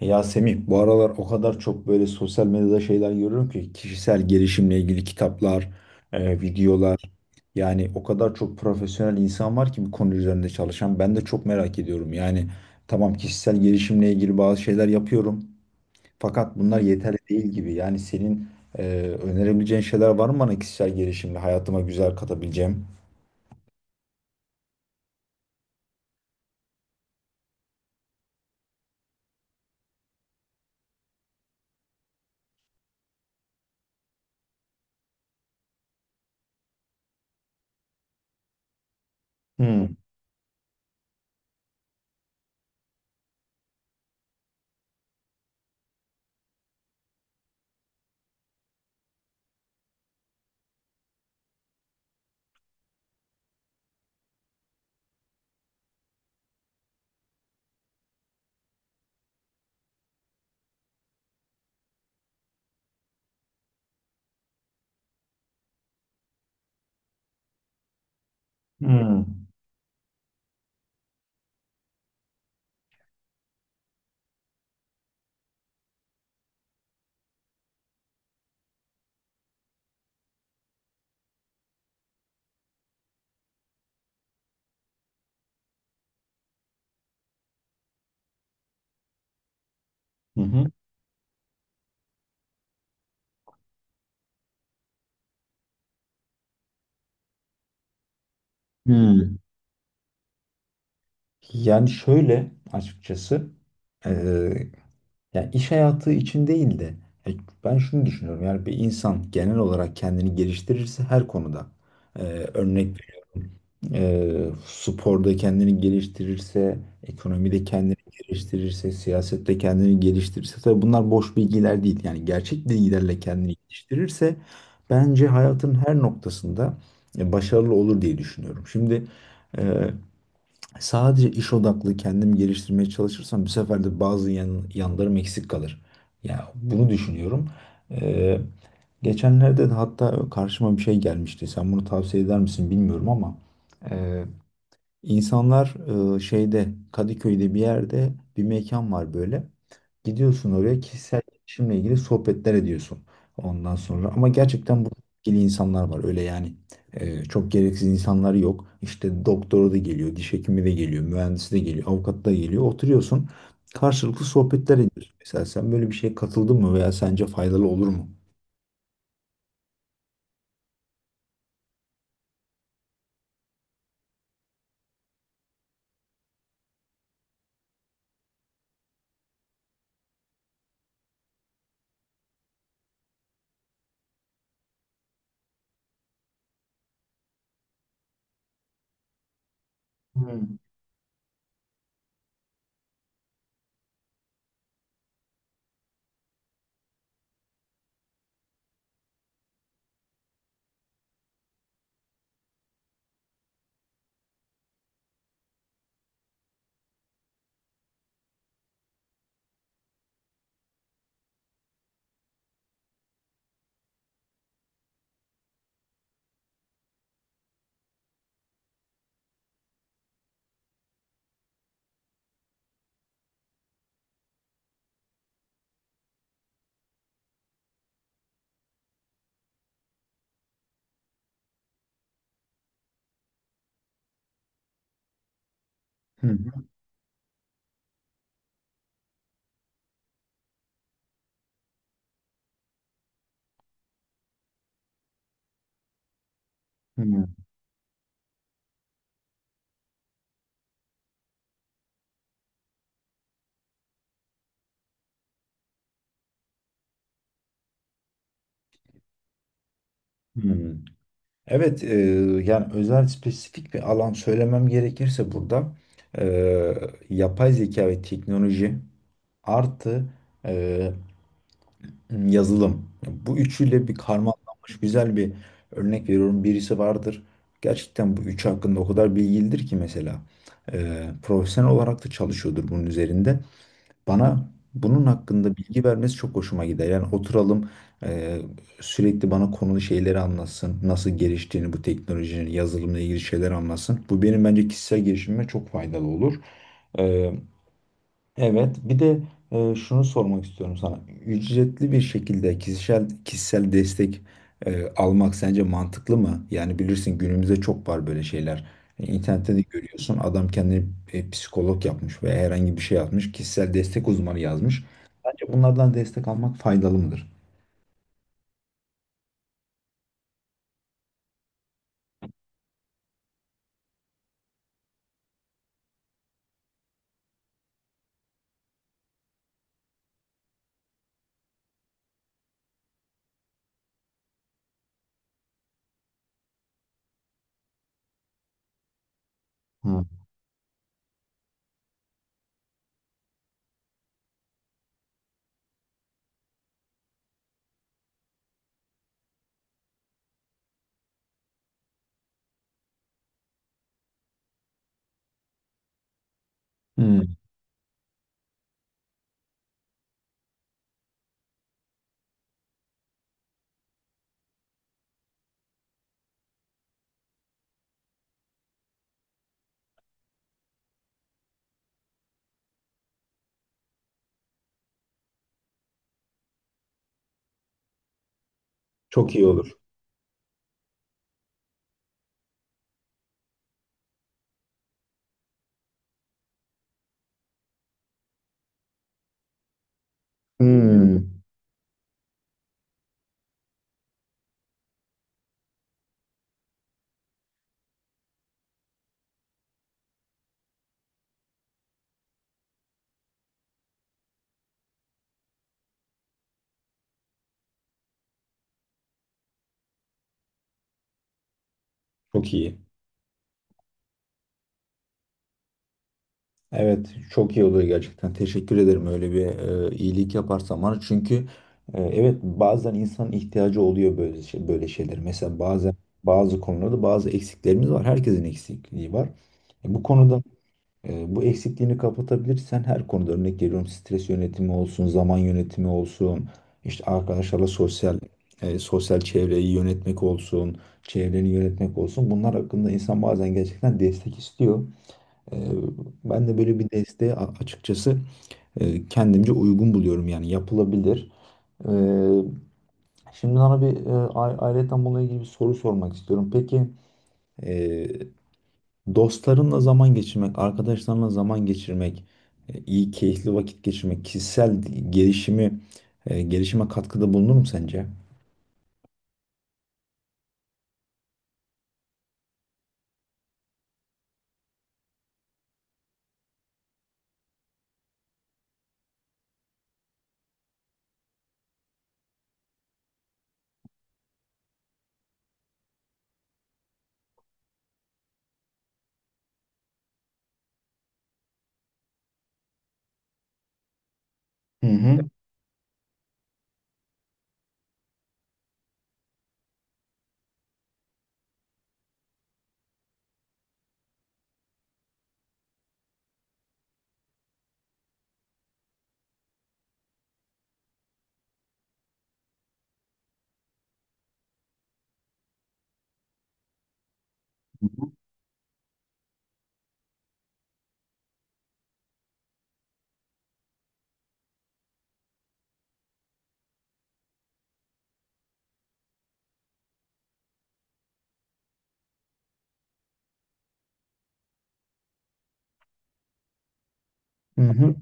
Ya Semih, bu aralar o kadar çok böyle sosyal medyada şeyler görüyorum ki kişisel gelişimle ilgili kitaplar, videolar yani o kadar çok profesyonel insan var ki bu konu üzerinde çalışan. Ben de çok merak ediyorum. Yani tamam kişisel gelişimle ilgili bazı şeyler yapıyorum fakat bunlar yeterli değil gibi. Yani senin e, önerebileceğin şeyler var mı bana kişisel gelişimle hayatıma güzel katabileceğim? Hmm. Hmm. Hı hı. Hmm. Yani şöyle açıkçası. e, Yani iş hayatı için değil de ya ben şunu düşünüyorum. Yani bir insan genel olarak kendini geliştirirse her konuda örnek veriyorum. Sporda kendini geliştirirse, ekonomide kendini geliştirirse, siyasette kendini geliştirirse tabii bunlar boş bilgiler değil. Yani gerçek bilgilerle kendini geliştirirse bence hayatın her noktasında başarılı olur diye düşünüyorum. Şimdi e, sadece iş odaklı kendimi geliştirmeye çalışırsam bu sefer de bazı yanlarım eksik kalır. Ya bunu düşünüyorum. Ee, Geçenlerde de hatta karşıma bir şey gelmişti. Sen bunu tavsiye eder misin bilmiyorum ama İnsanlar şeyde, Kadıköy'de bir yerde bir mekan var böyle. Gidiyorsun oraya, kişisel gelişimle ilgili sohbetler ediyorsun ondan sonra. Ama gerçekten bu ilgili insanlar var öyle yani. E, çok gereksiz insanlar yok. İşte doktoru da geliyor, diş hekimi de geliyor, mühendisi de geliyor, avukat da geliyor. Oturuyorsun, karşılıklı sohbetler ediyorsun. Mesela sen böyle bir şeye katıldın mı veya sence faydalı olur mu? Hmm. Hı hı. Hı hı. Evet. Yani özel spesifik bir alan söylemem gerekirse burada e, yapay zeka ve teknoloji artı e, yazılım. Bu üçüyle bir karmalanmış güzel bir örnek veriyorum. Birisi vardır. Gerçekten bu üçü hakkında o kadar bilgilidir ki mesela. E, profesyonel olarak da çalışıyordur bunun üzerinde. Bana bunun hakkında bilgi vermesi çok hoşuma gider. Yani oturalım e, sürekli bana konulu şeyleri anlatsın. Nasıl geliştiğini bu teknolojinin, yazılımla ilgili şeyler anlatsın. Bu benim bence kişisel gelişimime çok faydalı olur. Evet, bir de şunu sormak istiyorum sana. Ücretli bir şekilde kişisel destek almak sence mantıklı mı? Yani bilirsin günümüzde çok var böyle şeyler. E, İnternette de görüyorsun, adam kendini psikolog yapmış veya herhangi bir şey yapmış. Kişisel destek uzmanı yazmış. Sence bunlardan destek almak faydalı mıdır? Hmm. Hmm. Çok iyi olur. Hmm. Çok iyi. Evet, çok iyi oluyor gerçekten. Teşekkür ederim öyle bir iyilik yaparsan bana. Çünkü, evet, bazen insanın ihtiyacı oluyor böyle şey, böyle şeyler. Mesela bazen bazı konularda bazı eksiklerimiz var. Herkesin eksikliği var. E, bu konuda bu eksikliğini kapatabilirsen her konuda, örnek veriyorum, stres yönetimi olsun, zaman yönetimi olsun, işte arkadaşlarla sosyal, sosyal çevreyi yönetmek olsun, çevreni yönetmek olsun. Bunlar hakkında insan bazen gerçekten destek istiyor. Ee, Ben de böyle bir desteği açıkçası kendimce uygun buluyorum, yani yapılabilir. Ee, Şimdi sana bir ayrıyeten bununla ilgili bir soru sormak istiyorum. Peki e, dostlarınla zaman geçirmek, arkadaşlarınla zaman geçirmek, iyi keyifli vakit geçirmek, kişisel gelişimi gelişime katkıda bulunur mu sence? Hı hı. Hı hı.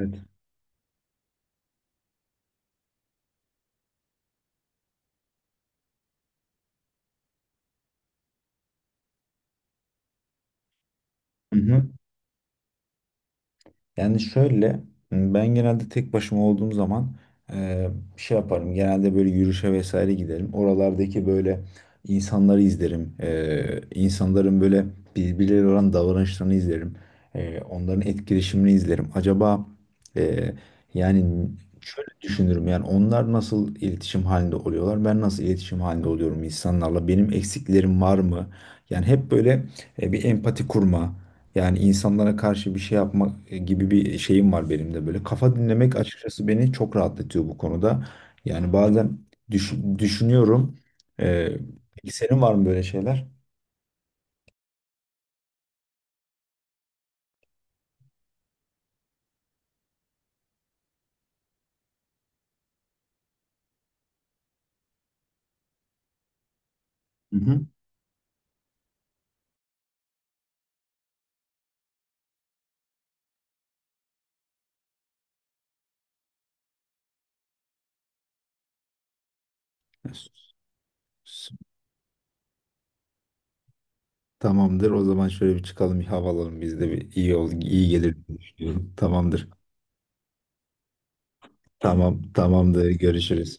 Evet. Yani şöyle, ben genelde tek başıma olduğum zaman e, şey yaparım. Genelde böyle yürüyüşe vesaire giderim. Oralardaki böyle insanları izlerim. E, insanların böyle birbirleriyle olan davranışlarını izlerim. E, onların etkileşimini izlerim. Acaba e, yani şöyle düşünürüm. Yani onlar nasıl iletişim halinde oluyorlar? Ben nasıl iletişim halinde oluyorum insanlarla? Benim eksiklerim var mı? Yani hep böyle bir empati kurma. Yani insanlara karşı bir şey yapmak gibi bir şeyim var benim de böyle. Kafa dinlemek açıkçası beni çok rahatlatıyor bu konuda. Yani bazen düşünüyorum. Ee, peki senin var mı böyle şeyler? Hı hı. S- Tamamdır. O zaman şöyle bir çıkalım, bir hava alalım. Biz de bir iyi gelir diye düşünüyorum. Tamamdır. Tamam, tamamdır. Görüşürüz.